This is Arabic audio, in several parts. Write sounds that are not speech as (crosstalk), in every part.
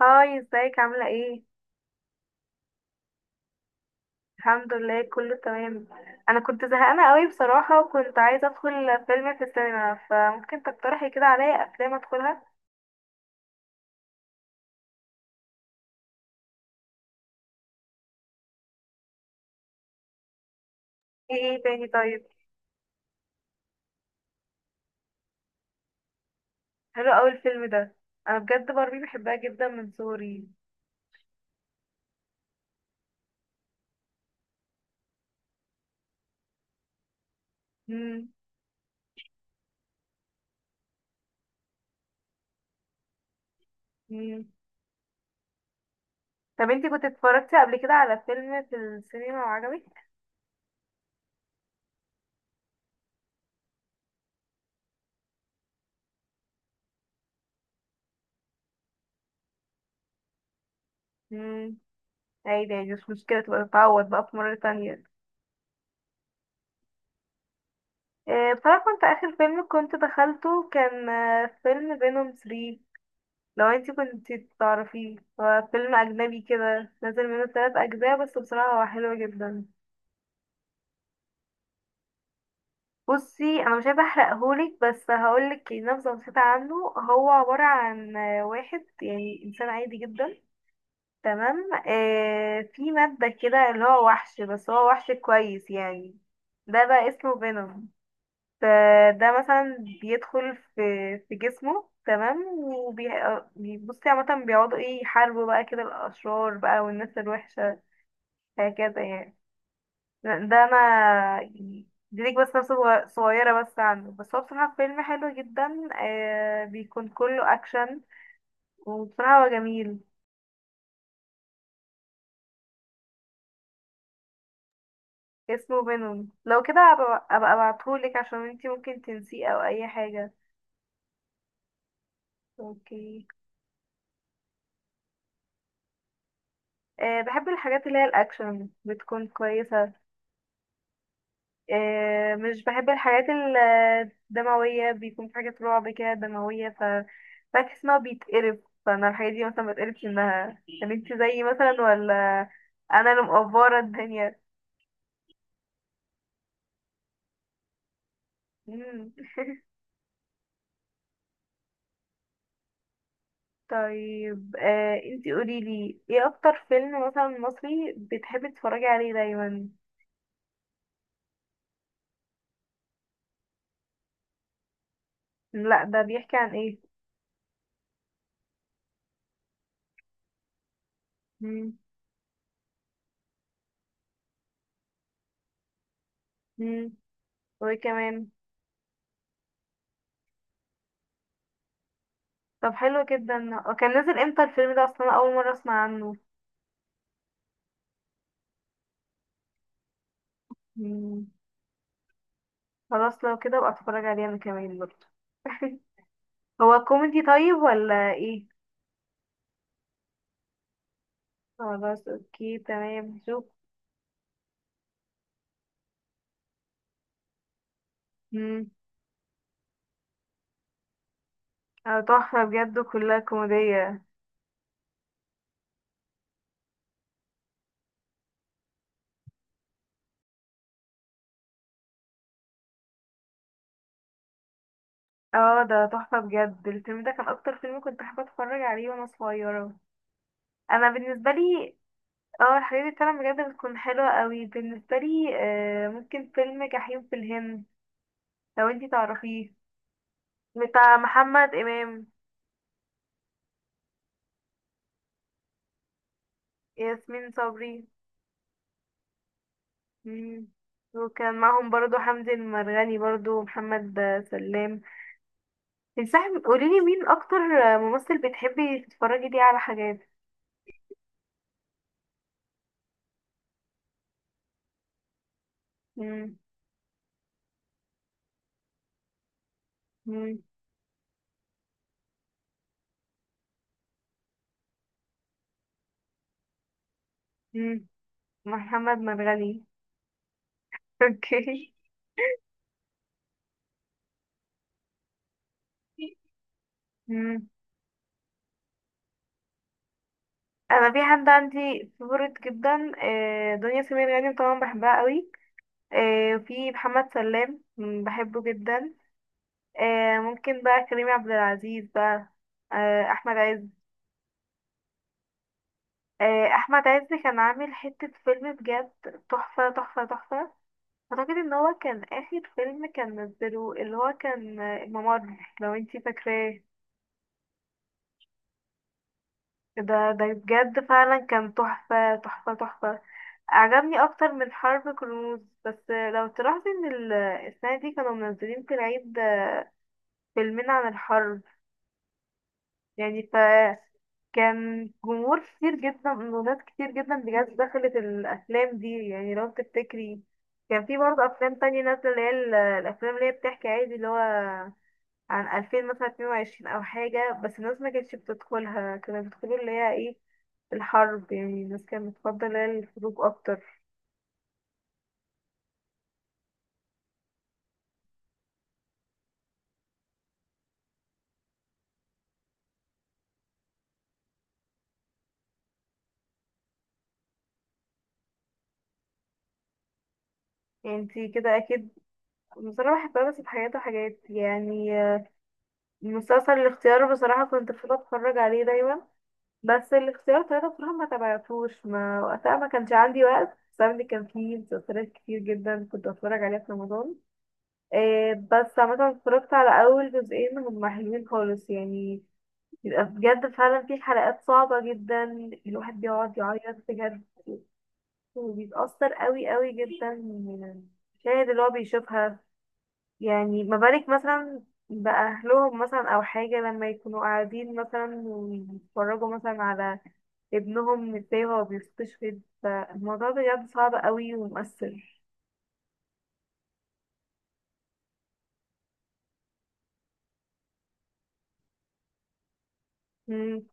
هاي ازيك عاملة ايه؟ الحمد لله، كله تمام. انا كنت زهقانة قوي بصراحة وكنت عايزة ادخل فيلم في السينما، فممكن تقترحي كده عليا افلام ادخلها؟ ايه ايه تاني طيب؟ حلو اوي الفيلم ده. انا بجد باربي بحبها جدا من صغري. مم. مم. طب انتي كنت اتفرجتي قبل كده على فيلم في السينما وعجبك؟ مم. عادي عادي، مش مشكلة، تبقى تتعوض بقى في مرة تانية. بصراحة كنت، آخر فيلم كنت دخلته كان فيلم فينوم 3. لو انتي كنت تعرفيه هو فيلم أجنبي كده، نزل منه تلات أجزاء، بس بصراحة هو حلو جدا. بصي، أنا مش عايزة أحرقهولك، بس هقولك نبذة بسيطة عنه. هو عبارة عن واحد يعني إنسان عادي جدا، تمام، في مادة كده اللي هو وحش، بس هو وحش كويس يعني. ده بقى اسمه فينوم. فده مثلا بيدخل في جسمه تمام، بصي عامة بيقعدوا ايه، يحاربوا بقى كده الأشرار بقى والناس الوحشة، هكذا يعني. ده ده انا يعني دي ليك بس نفسه، صغيرة بس عنه، بس هو بصراحة فيلم حلو جدا، بيكون كله اكشن، وبصراحة هو جميل. اسمه فينوم، لو كده أبقى ابعتهولك عشان انتي ممكن تنسيه او اي حاجة. اوكي. بحب الحاجات اللي هي الاكشن بتكون كويسة. مش بحب الحاجات الدموية، بيكون في حاجات رعب كده دموية، ف بحس ان هو بيتقرف. فانا الحاجات دي مثلا مبتقرفش منها يعني. انت زيي مثلا ولا انا اللي مقفرة الدنيا؟ مم. طيب، انت قوليلي ايه اكتر فيلم مثلا مصري بتحبي تتفرجي عليه دايما؟ لا، ده بيحكي عن ايه؟ مم. مم. وايه كمان؟ طب حلو جدا، هو كان نازل امتى الفيلم ده اصلا؟ أنا اول مرة اسمع عنه. مم. خلاص لو كده ابقى اتفرج عليه انا كمان برضه. (laughs) هو كوميدي طيب ولا ايه؟ خلاص اوكي تمام، شوف. امم. اه تحفة بجد، كلها كوميدية. اه ده تحفة بجد، الفيلم ده كان اكتر فيلم كنت حابة اتفرج عليه وانا صغيرة. انا بالنسبة لي، اه الحاجات دي فعلا بجد بتكون حلوة قوي بالنسبة لي. ممكن فيلم جحيم في الهند، لو انتي تعرفيه. بتاع محمد امام. ياسمين صبري. مم. وكان معهم برضو حمدي المرغني، برضو محمد سلام. انصحي، قوليلي مين اكتر ممثل بتحبي تتفرجي ليه على حاجات. مم. مم. مم. محمد مرغني. (laughs) اوكي. مم. انا في حد عندي فيفورت جدا، دنيا سمير غانم طبعا بحبها قوي. في محمد سلام بحبه جدا. ممكن بقى كريم عبد العزيز بقى. احمد عز. احمد عز كان عامل حتة فيلم بجد تحفة تحفة تحفة. اعتقد ان هو كان اخر فيلم كان نزله اللي هو كان، الممر، لو انتي فاكراه. ده بجد فعلا كان تحفة تحفة تحفة. عجبني اكتر من حرب كرموز. بس لو تلاحظي ان السنة دي كانوا منزلين في العيد فيلمين عن الحرب يعني. ف كان جمهور كتير جدا وناس كتير جدا بجد دخلت الأفلام دي، يعني لو تفتكري كان في برضه أفلام تانية نازلة اللي هي الأفلام اللي هي بتحكي عادي اللي هو عن ألفين مثلا اتنين وعشرين أو حاجة، بس الناس ما كانتش بتدخلها، كانوا بيدخلوا اللي هي ايه، الحرب، يعني الناس كانت بتفضل اللي هي الحروب أكتر. يعني انتي كده أكيد. بصراحة بحبها بس بحاجات وحاجات يعني. المسلسل الاختيار بصراحة كنت بفضل أتفرج عليه دايما. بس الاختيار ثلاثة بصراحة ما تابعتوش، ما وقتها ما كانش عندي وقت بسبب ان كان فيه مسلسلات كتير جدا كنت بتفرج عليها في رمضان. إيه، بس عامة اتفرجت على أول جزئين، هما حلوين خالص يعني. بيبقى بجد فعلا في حلقات صعبة جدا، الواحد بيقعد يعيط بجد، وبيتأثر قوي قوي جدا من المشاهد اللي هو بيشوفها. يعني ما بالك مثلا بأهلهم مثلا أو حاجة، لما يكونوا قاعدين مثلا ويتفرجوا مثلا على ابنهم ازاي هو بيستشهد، فالموضوع بجد صعب قوي ومؤثر. مم.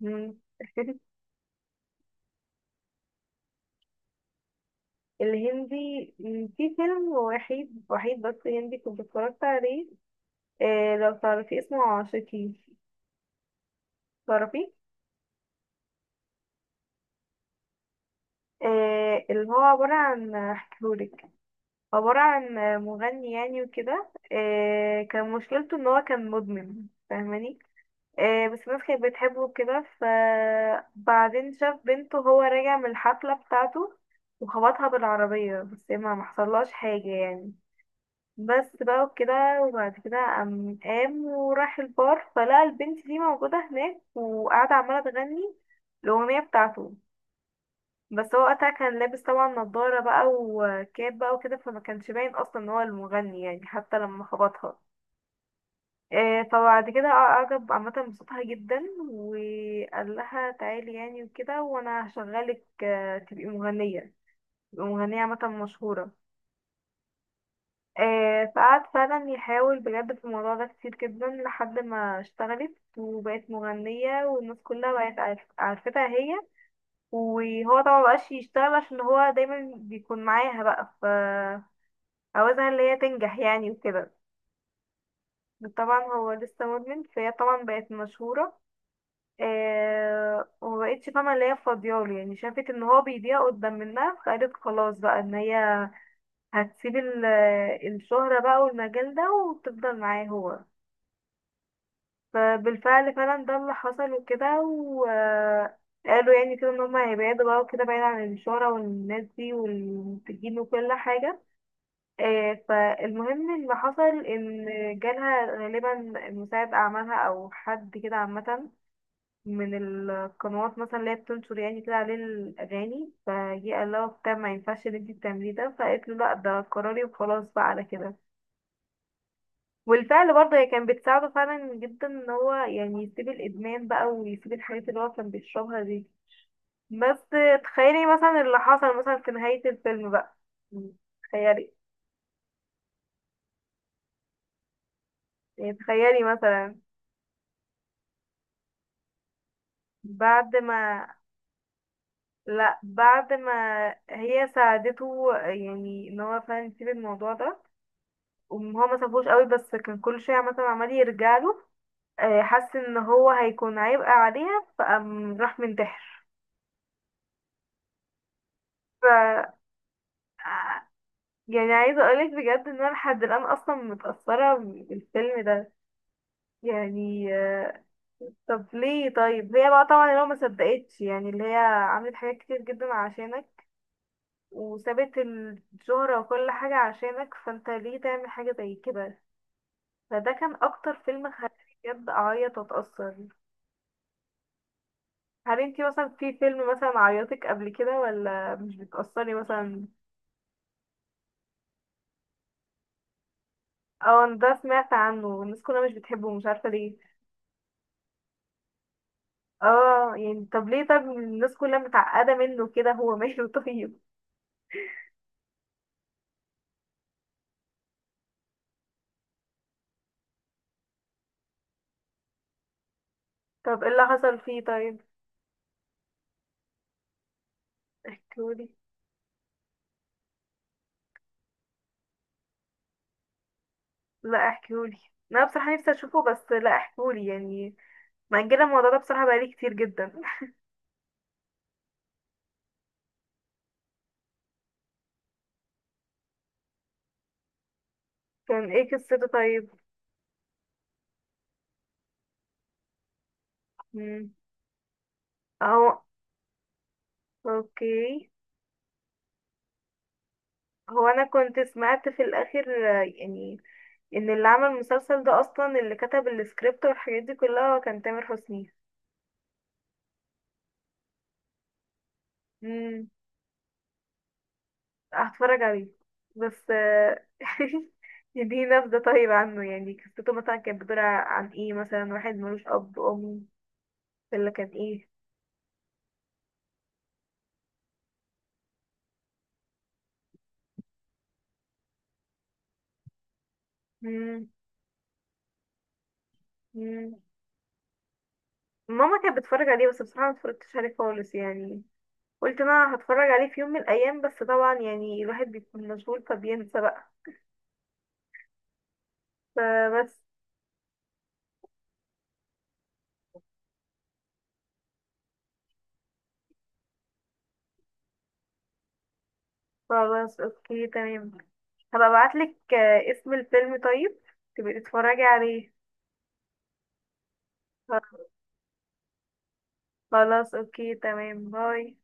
مم. (laughs) الهندي، في فيلم وحيد وحيد بس هندي كنت اتفرجت عليه. لو تعرفي اسمه عاشقي، تعرفي؟ اللي هو عبارة عن، هحكيهولك، عبارة عن مغني يعني وكده، كان مشكلته ان هو كان مدمن، فاهماني؟ بس الناس كانت بتحبه كده، فبعدين شاف بنته، هو راجع من الحفلة بتاعته، وخبطها بالعربية بس ما محصلهاش حاجة يعني، بس بقى وكده. وبعد كده قام وراح البار، فلقى البنت دي موجودة هناك وقاعدة عمالة تغني الأغنية بتاعته. بس هو وقتها كان لابس طبعا نضارة بقى وكاب بقى وكده، فما كانش باين اصلا ان هو المغني يعني حتى لما خبطها. فبعد كده اعجب عامة بصوتها جدا، وقال لها تعالي يعني وكده، وانا هشغلك تبقي مغنية، تبقي مغنية عامة مشهورة. فقعد فعلا يحاول بجد في الموضوع ده كتير جدا، لحد ما اشتغلت وبقت مغنية والناس كلها بقت عارفتها هي، وهو طبعا مبقاش يشتغل عشان هو دايما بيكون معاها بقى، ف عاوزها اللي هي تنجح يعني وكده. طبعا هو لسه مدمن، فهي طبعا بقت مشهورة، ومبقتش فاهمة اللي هي فاضياله يعني، شافت ان هو بيضيع قدام منها، فقالت خلاص بقى ان هي هتسيب الشهرة بقى والمجال ده وتفضل معاه هو. فبالفعل، فعلا ده اللي حصل وكده، وقالوا يعني كده ان هم هيبعدوا بقى وكده بعيد عن الشهرة والناس دي والمنتجين وكل حاجة. فالمهم اللي حصل ان جالها غالبا مساعد اعمالها او حد كده عامة من القنوات مثلا اللي هي بتنشر يعني كده عليه الاغاني، فجه قال لها وبتاع ما ينفعش اللي انتي بتعمليه ده، فقالت له لا، ده قراري وخلاص بقى على كده. والفعل برضه هي كانت بتساعده فعلا جدا ان هو يعني يسيب الادمان بقى ويسيب الحاجات اللي هو كان بيشربها دي. بس تخيلي مثلا اللي حصل مثلا في نهاية الفيلم بقى، تخيلي يعني، تخيلي مثلا بعد ما، لا، بعد ما هي ساعدته يعني ان هو فعلا يسيب الموضوع ده، وهو ما سابوش قوي بس كان كل شوية مثلا عمال يرجع له، حس ان هو هيكون عبء عليها فقام راح منتحر. ف يعني عايزة اقولك بجد ان انا لحد الان اصلا متأثرة بالفيلم ده يعني. طب ليه طيب؟ هي بقى طبعا اللي هو ما صدقتش يعني اللي هي عملت حاجات كتير جدا عشانك وسابت الشهرة وكل حاجة عشانك، فانت ليه تعمل حاجة زي كده؟ فده كان اكتر فيلم خلاني بجد اعيط واتأثر. هل انتي مثلا في فيلم مثلا عيطك قبل كده ولا مش بتأثري مثلا؟ اه، أنا ده سمعت عنه والناس كلها مش بتحبه، مش عارفة ليه. اه يعني، طب ليه، طب الناس كلها متعقدة منه كده، هو ماله؟ (laughs) طيب. طب ايه اللي حصل فيه طيب؟ احكيولي. لا، احكيولي، انا بصراحة نفسي اشوفه، بس لا، احكيولي يعني، مأجلة الموضوع ده بصراحة بقالي كتير جدا. كان ايه قصته طيب؟ مم. اهو، اوكي. هو انا كنت سمعت في الاخر يعني ان اللي عمل المسلسل ده اصلا، اللي كتب السكريبت والحاجات دي كلها، هو كان تامر حسني. مم. هتفرج عليه. بس (laughs) دي نبذة طيب عنه، يعني قصته مثلا كانت بتدور عن ايه مثلا؟ واحد ملوش أب أم ولا كان ايه؟ مم. مم. ماما كانت بتتفرج عليه بس بصراحة متفرجتش عليه خالص يعني، قلت انا هتفرج عليه في يوم من الأيام، بس طبعا يعني الواحد بيكون مشغول فبينسى بقى، فبس. خلاص اوكي تمام، هبقى ابعتلك اسم الفيلم طيب، تبقي تتفرجي عليه. خلاص اوكي تمام، باي.